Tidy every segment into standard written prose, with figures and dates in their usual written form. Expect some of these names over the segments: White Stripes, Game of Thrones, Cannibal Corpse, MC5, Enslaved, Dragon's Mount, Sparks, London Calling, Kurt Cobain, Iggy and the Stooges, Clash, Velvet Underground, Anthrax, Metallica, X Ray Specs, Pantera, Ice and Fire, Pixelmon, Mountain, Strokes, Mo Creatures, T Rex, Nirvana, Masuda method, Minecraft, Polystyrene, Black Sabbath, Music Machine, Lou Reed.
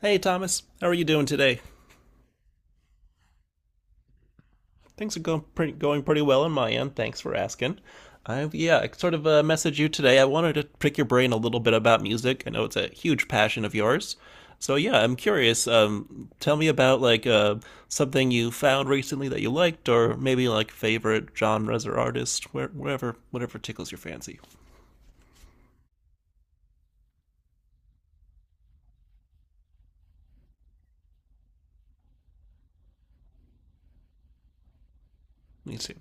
Hey, Thomas. How are you doing today? Things are going going pretty well on my end. Thanks for asking. I sort of messaged you today. I wanted to pick your brain a little bit about music. I know it's a huge passion of yours. So yeah, I'm curious. Tell me about something you found recently that you liked, or maybe like favorite genres or artists, wherever, whatever tickles your fancy. Let me see.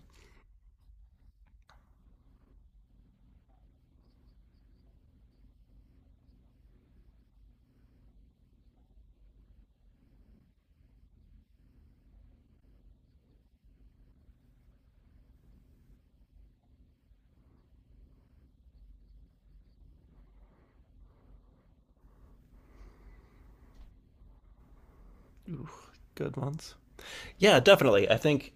Good ones. Yeah, definitely. I think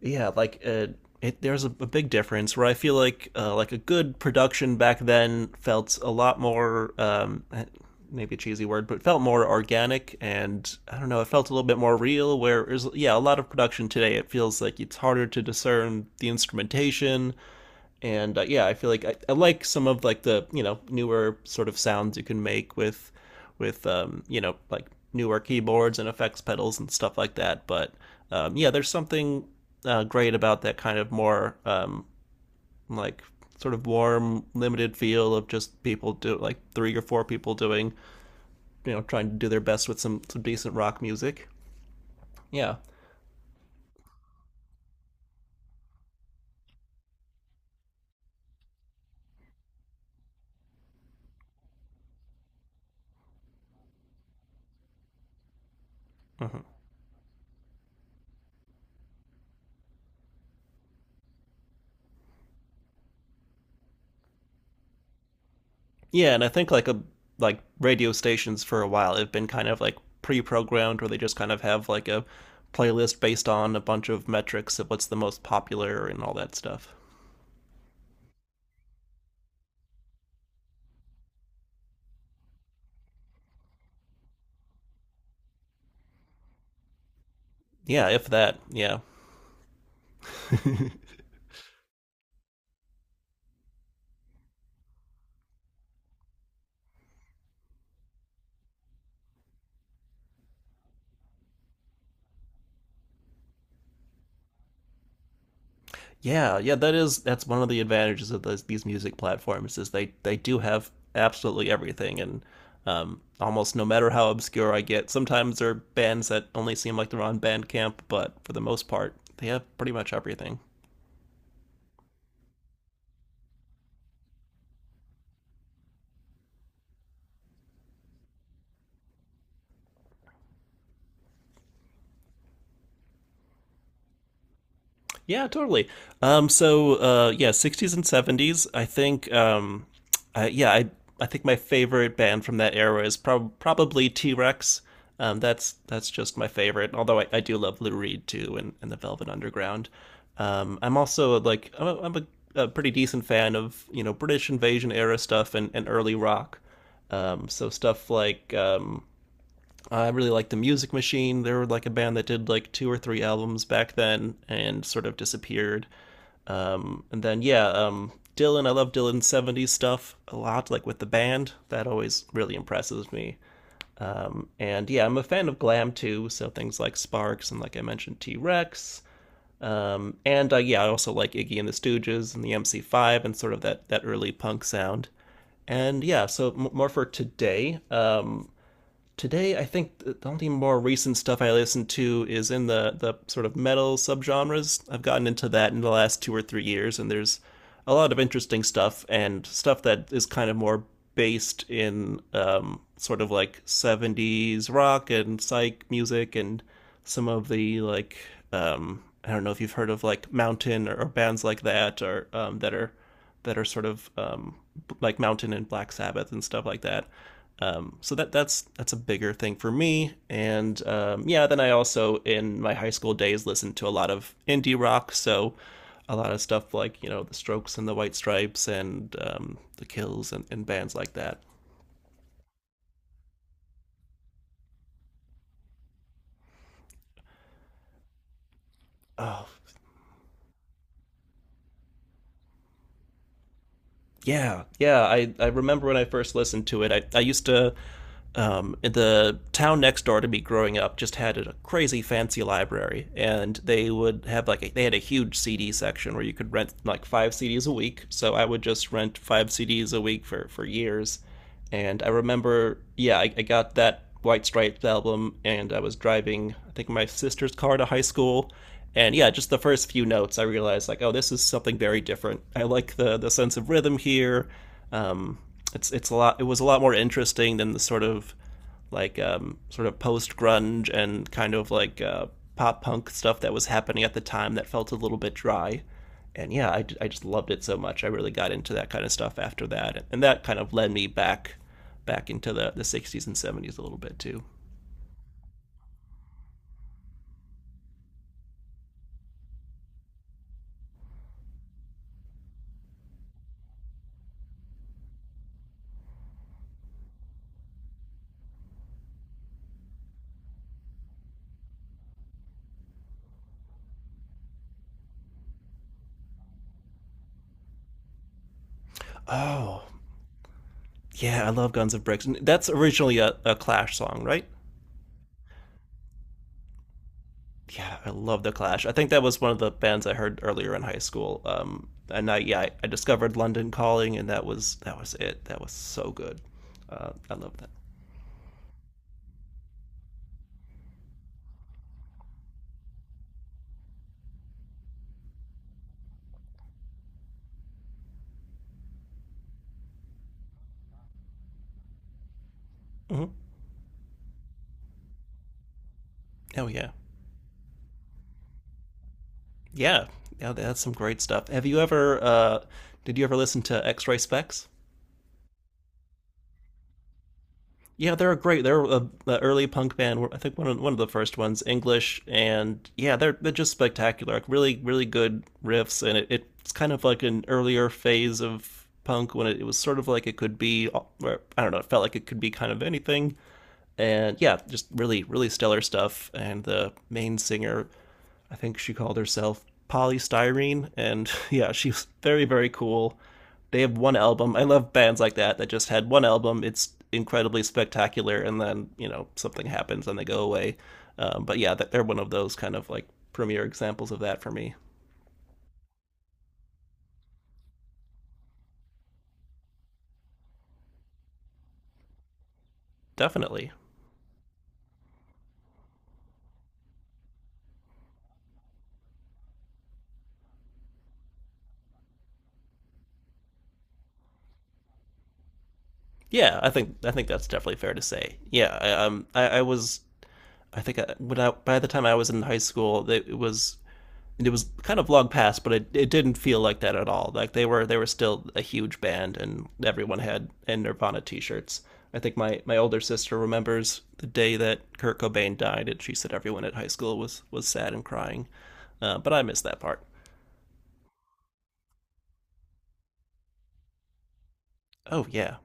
yeah, like uh, there's a big difference where I feel like a good production back then felt a lot more maybe a cheesy word, but felt more organic, and I don't know, it felt a little bit more real. Where there's yeah, a lot of production today, it feels like it's harder to discern the instrumentation and yeah, I feel like I like some of like the you know newer sort of sounds you can make with you know like newer keyboards and effects pedals and stuff like that. But yeah, there's something great about that kind of more like sort of warm, limited feel of just people do like three or four people doing you know trying to do their best with some decent rock music. Yeah. Mhm. Yeah, and I think like a like radio stations for a while have been kind of like pre-programmed where they just kind of have like a playlist based on a bunch of metrics of what's the most popular and all that stuff. Yeah, if that. Yeah. Yeah, yeah, that is that's one of the advantages of these music platforms is they do have absolutely everything and almost no matter how obscure I get, sometimes there are bands that only seem like they're on Bandcamp, but for the most part, they have pretty much everything. Yeah, totally. Yeah, 60s and 70s. I think I, yeah, I think my favorite band from that era is probably T Rex. That's just my favorite. Although I do love Lou Reed too, and the Velvet Underground. I'm also like a pretty decent fan of you know British Invasion era stuff, and early rock. So stuff like I really like the Music Machine. They were like a band that did like two or three albums back then and sort of disappeared. Dylan. I love Dylan's '70s stuff a lot, like with the band. That always really impresses me. And yeah, I'm a fan of glam too. So things like Sparks and like I mentioned T Rex. And Yeah, I also like Iggy and the Stooges and the MC5 and sort of that early punk sound. And yeah, so more for today. Today, I think the only more recent stuff I listen to is in the sort of metal subgenres. I've gotten into that in the last 2 or 3 years, and there's a lot of interesting stuff and stuff that is kind of more based in sort of like '70s rock and psych music and some of the I don't know if you've heard of like Mountain or bands like that, or that are sort of like Mountain and Black Sabbath and stuff like that. That's a bigger thing for me. And yeah, then I also in my high school days listened to a lot of indie rock. So a lot of stuff like you know the Strokes and the White Stripes and the Kills, and bands like that. Oh yeah, yeah. I remember when I first listened to it. I used to The town next door to me growing up just had a crazy fancy library, and they would have they had a huge CD section where you could rent like 5 CDs a week. So I would just rent 5 CDs a week for years. And I remember, yeah, I got that White Stripes album, and I was driving, I think, my sister's car to high school. And yeah, just the first few notes, I realized like, oh, this is something very different. I like the sense of rhythm here. Um, It was a lot more interesting than the sort of sort of post grunge and kind of pop punk stuff that was happening at the time that felt a little bit dry. And yeah, I just loved it so much. I really got into that kind of stuff after that, and that kind of led me back into the '60s and '70s a little bit too. Oh yeah, I love Guns of Bricks. And that's originally a Clash song, right? Yeah, I love the Clash. I think that was one of the bands I heard earlier in high school. And I yeah, I, Discovered London Calling, and that was it. That was so good. I love that. Hmm. Oh yeah, yeah, yeah. That's some great stuff. Have you ever? Did you ever listen to X Ray Specs? Yeah, they're great. Early punk band. I think one of the first ones, English, and yeah, they're just spectacular. Like really, really good riffs, it's kind of like an earlier phase of punk when it was sort of like it could be. I don't know. It felt like it could be kind of anything, and yeah, just really, really stellar stuff. And the main singer, I think she called herself Polystyrene, and yeah, she's very, very cool. They have one album. I love bands like that that just had one album. It's incredibly spectacular, and then you know something happens and they go away. But yeah, they're one of those kind of like premier examples of that for me. Definitely. Yeah, I think that's definitely fair to say. Yeah, I was I think I, When I, by the time I was in high school, it was kind of long past, but it didn't feel like that at all. Like they were still a huge band, and everyone had and Nirvana T-shirts. I think my older sister remembers the day that Kurt Cobain died, and she said everyone at high school was sad and crying. But I miss that part. Oh yeah,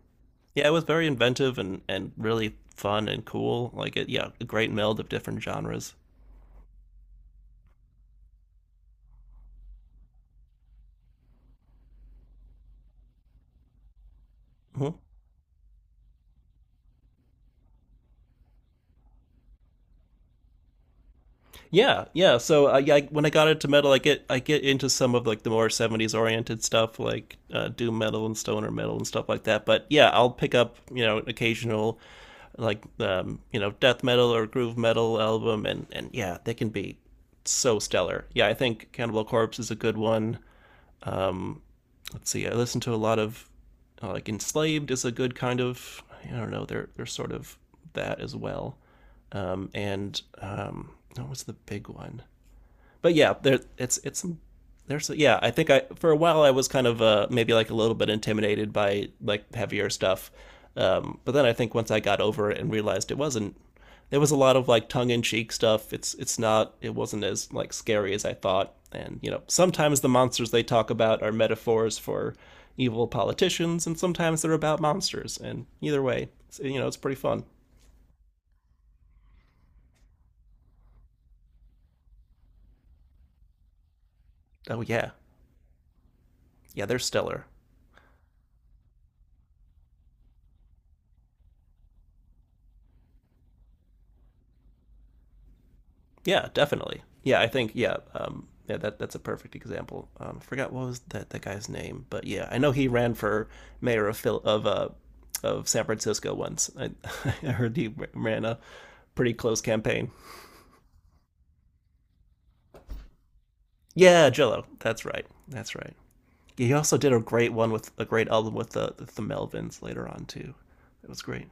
yeah. It was very inventive and really fun and cool. Like yeah, a great meld of different genres. Hmm. Yeah, yeah. So I when I got into metal, I get into some of like the more '70s oriented stuff, like doom metal and stoner metal and stuff like that. But yeah, I'll pick up you know an occasional you know death metal or groove metal album, and yeah, they can be so stellar. Yeah, I think Cannibal Corpse is a good one. Let's see, I listen to a lot of like Enslaved is a good kind of I don't know they're sort of that as well. And What was the big one? But yeah, there it's some there's yeah. I think I for a while I was kind of maybe like a little bit intimidated by like heavier stuff, but then I think once I got over it and realized it wasn't. There was a lot of like tongue in cheek stuff. It wasn't as like scary as I thought. And you know sometimes the monsters they talk about are metaphors for evil politicians, and sometimes they're about monsters. And either way, you know it's pretty fun. Oh yeah, yeah, they're stellar. Yeah, definitely. Yeah, I think yeah, yeah that That's a perfect example. I forgot what was that guy's name, but yeah, I know he ran for mayor of Phil of San Francisco once. I, I heard he ran a pretty close campaign. Yeah, Jello. That's right. That's right. He also did a great album with the Melvins later on too. It was great.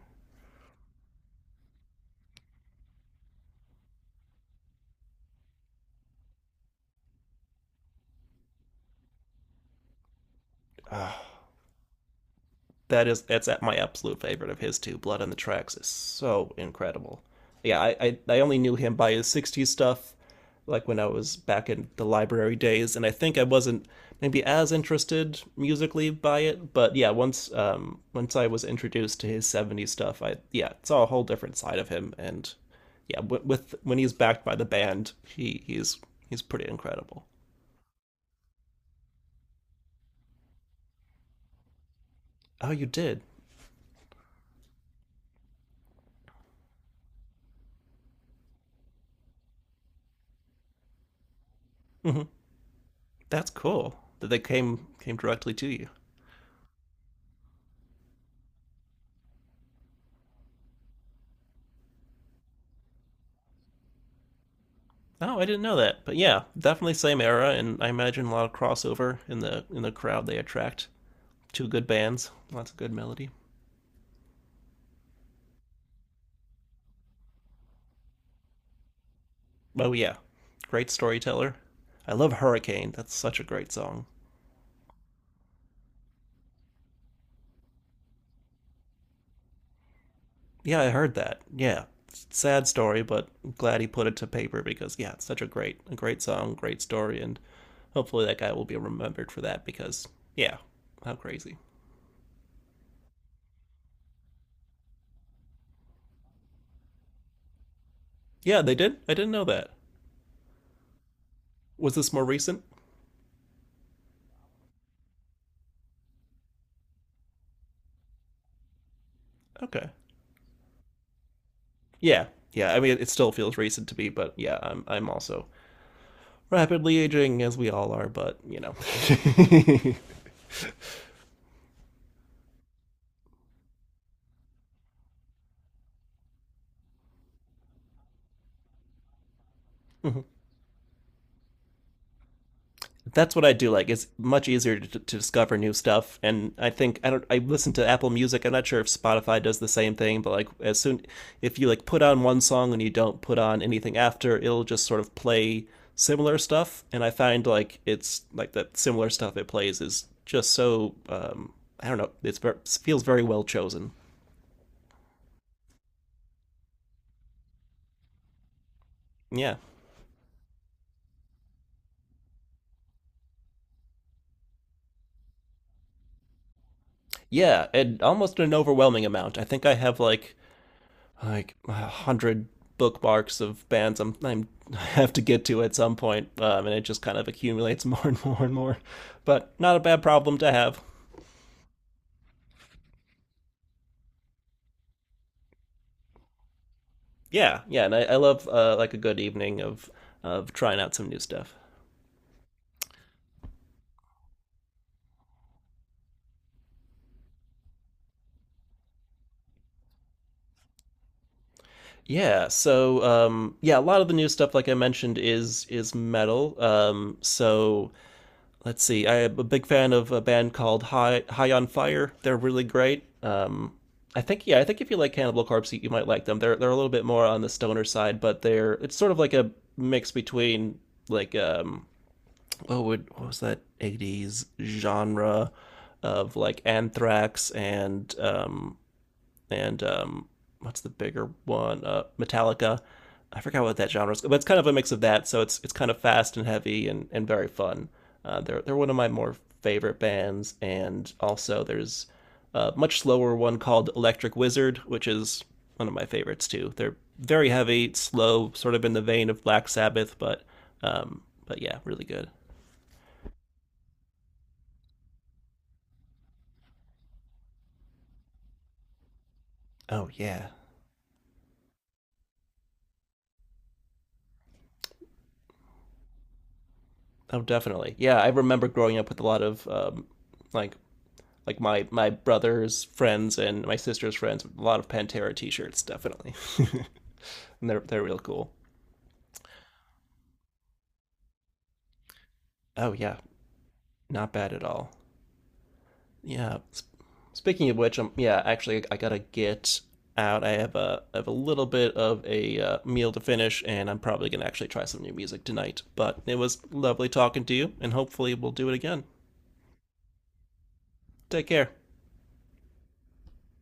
That is, that's at my absolute favorite of his too. Blood on the Tracks is so incredible. Yeah, I only knew him by his '60s stuff, like when I was back in the library days, and I think I wasn't maybe as interested musically by it. But yeah, once I was introduced to his '70s stuff, I yeah saw a whole different side of him, and yeah, with when he's backed by the band, he's he's pretty incredible. Oh, you did. Hmm. That's cool that they came directly to you. Oh, I didn't know that. But yeah, definitely same era, and I imagine a lot of crossover in the crowd they attract. Two good bands, lots of good melody. Oh yeah, great storyteller. I love Hurricane. That's such a great song. Yeah, I heard that. Yeah, sad story, but I'm glad he put it to paper because yeah, it's such a great song, great story, and hopefully that guy will be remembered for that because yeah, how crazy. Yeah, they did. I didn't know that. Was this more recent? Okay. Yeah, yeah. I mean, it still feels recent to me, but yeah, I'm also rapidly aging as we all are. But you know, Mm-hmm. That's what I do like. It's much easier to discover new stuff, and I think I don't. I listen to Apple Music. I'm not sure if Spotify does the same thing, but like as soon if you like put on one song and you don't put on anything after, it'll just sort of play similar stuff. And I find like it's like that similar stuff it plays is just so I don't know. It's feels very well chosen. Yeah. Yeah, and almost an overwhelming amount. I think I have like a hundred bookmarks of bands I have to get to at some point, and it just kind of accumulates more and more and more. But not a bad problem to have. Yeah, yeah, and I love like a good evening of trying out some new stuff. Yeah, so yeah, a lot of the new stuff, like I mentioned, is metal. So let's see. I'm a big fan of a band called High on Fire. They're really great. I think yeah, I think if you like Cannibal Corpse, you might like them. They're a little bit more on the stoner side, but they're it's sort of like a mix between like um what was that 80s genre of like Anthrax and and um, what's the bigger one? Metallica. I forgot what that genre is, but it's kind of a mix of that. So it's kind of fast and heavy and very fun. They're one of my more favorite bands, and also there's a much slower one called Electric Wizard, which is one of my favorites too. They're very heavy, slow, sort of in the vein of Black Sabbath, but yeah, really good. Oh yeah, oh definitely, yeah. I remember growing up with a lot of like like my brother's friends and my sister's friends. A lot of Pantera T-shirts, definitely, and they're real cool. Oh yeah, not bad at all. Yeah. Speaking of which, yeah, actually, I gotta get out. I have a little bit of a meal to finish, and I'm probably gonna actually try some new music tonight. But it was lovely talking to you, and hopefully we'll do it again. Take care.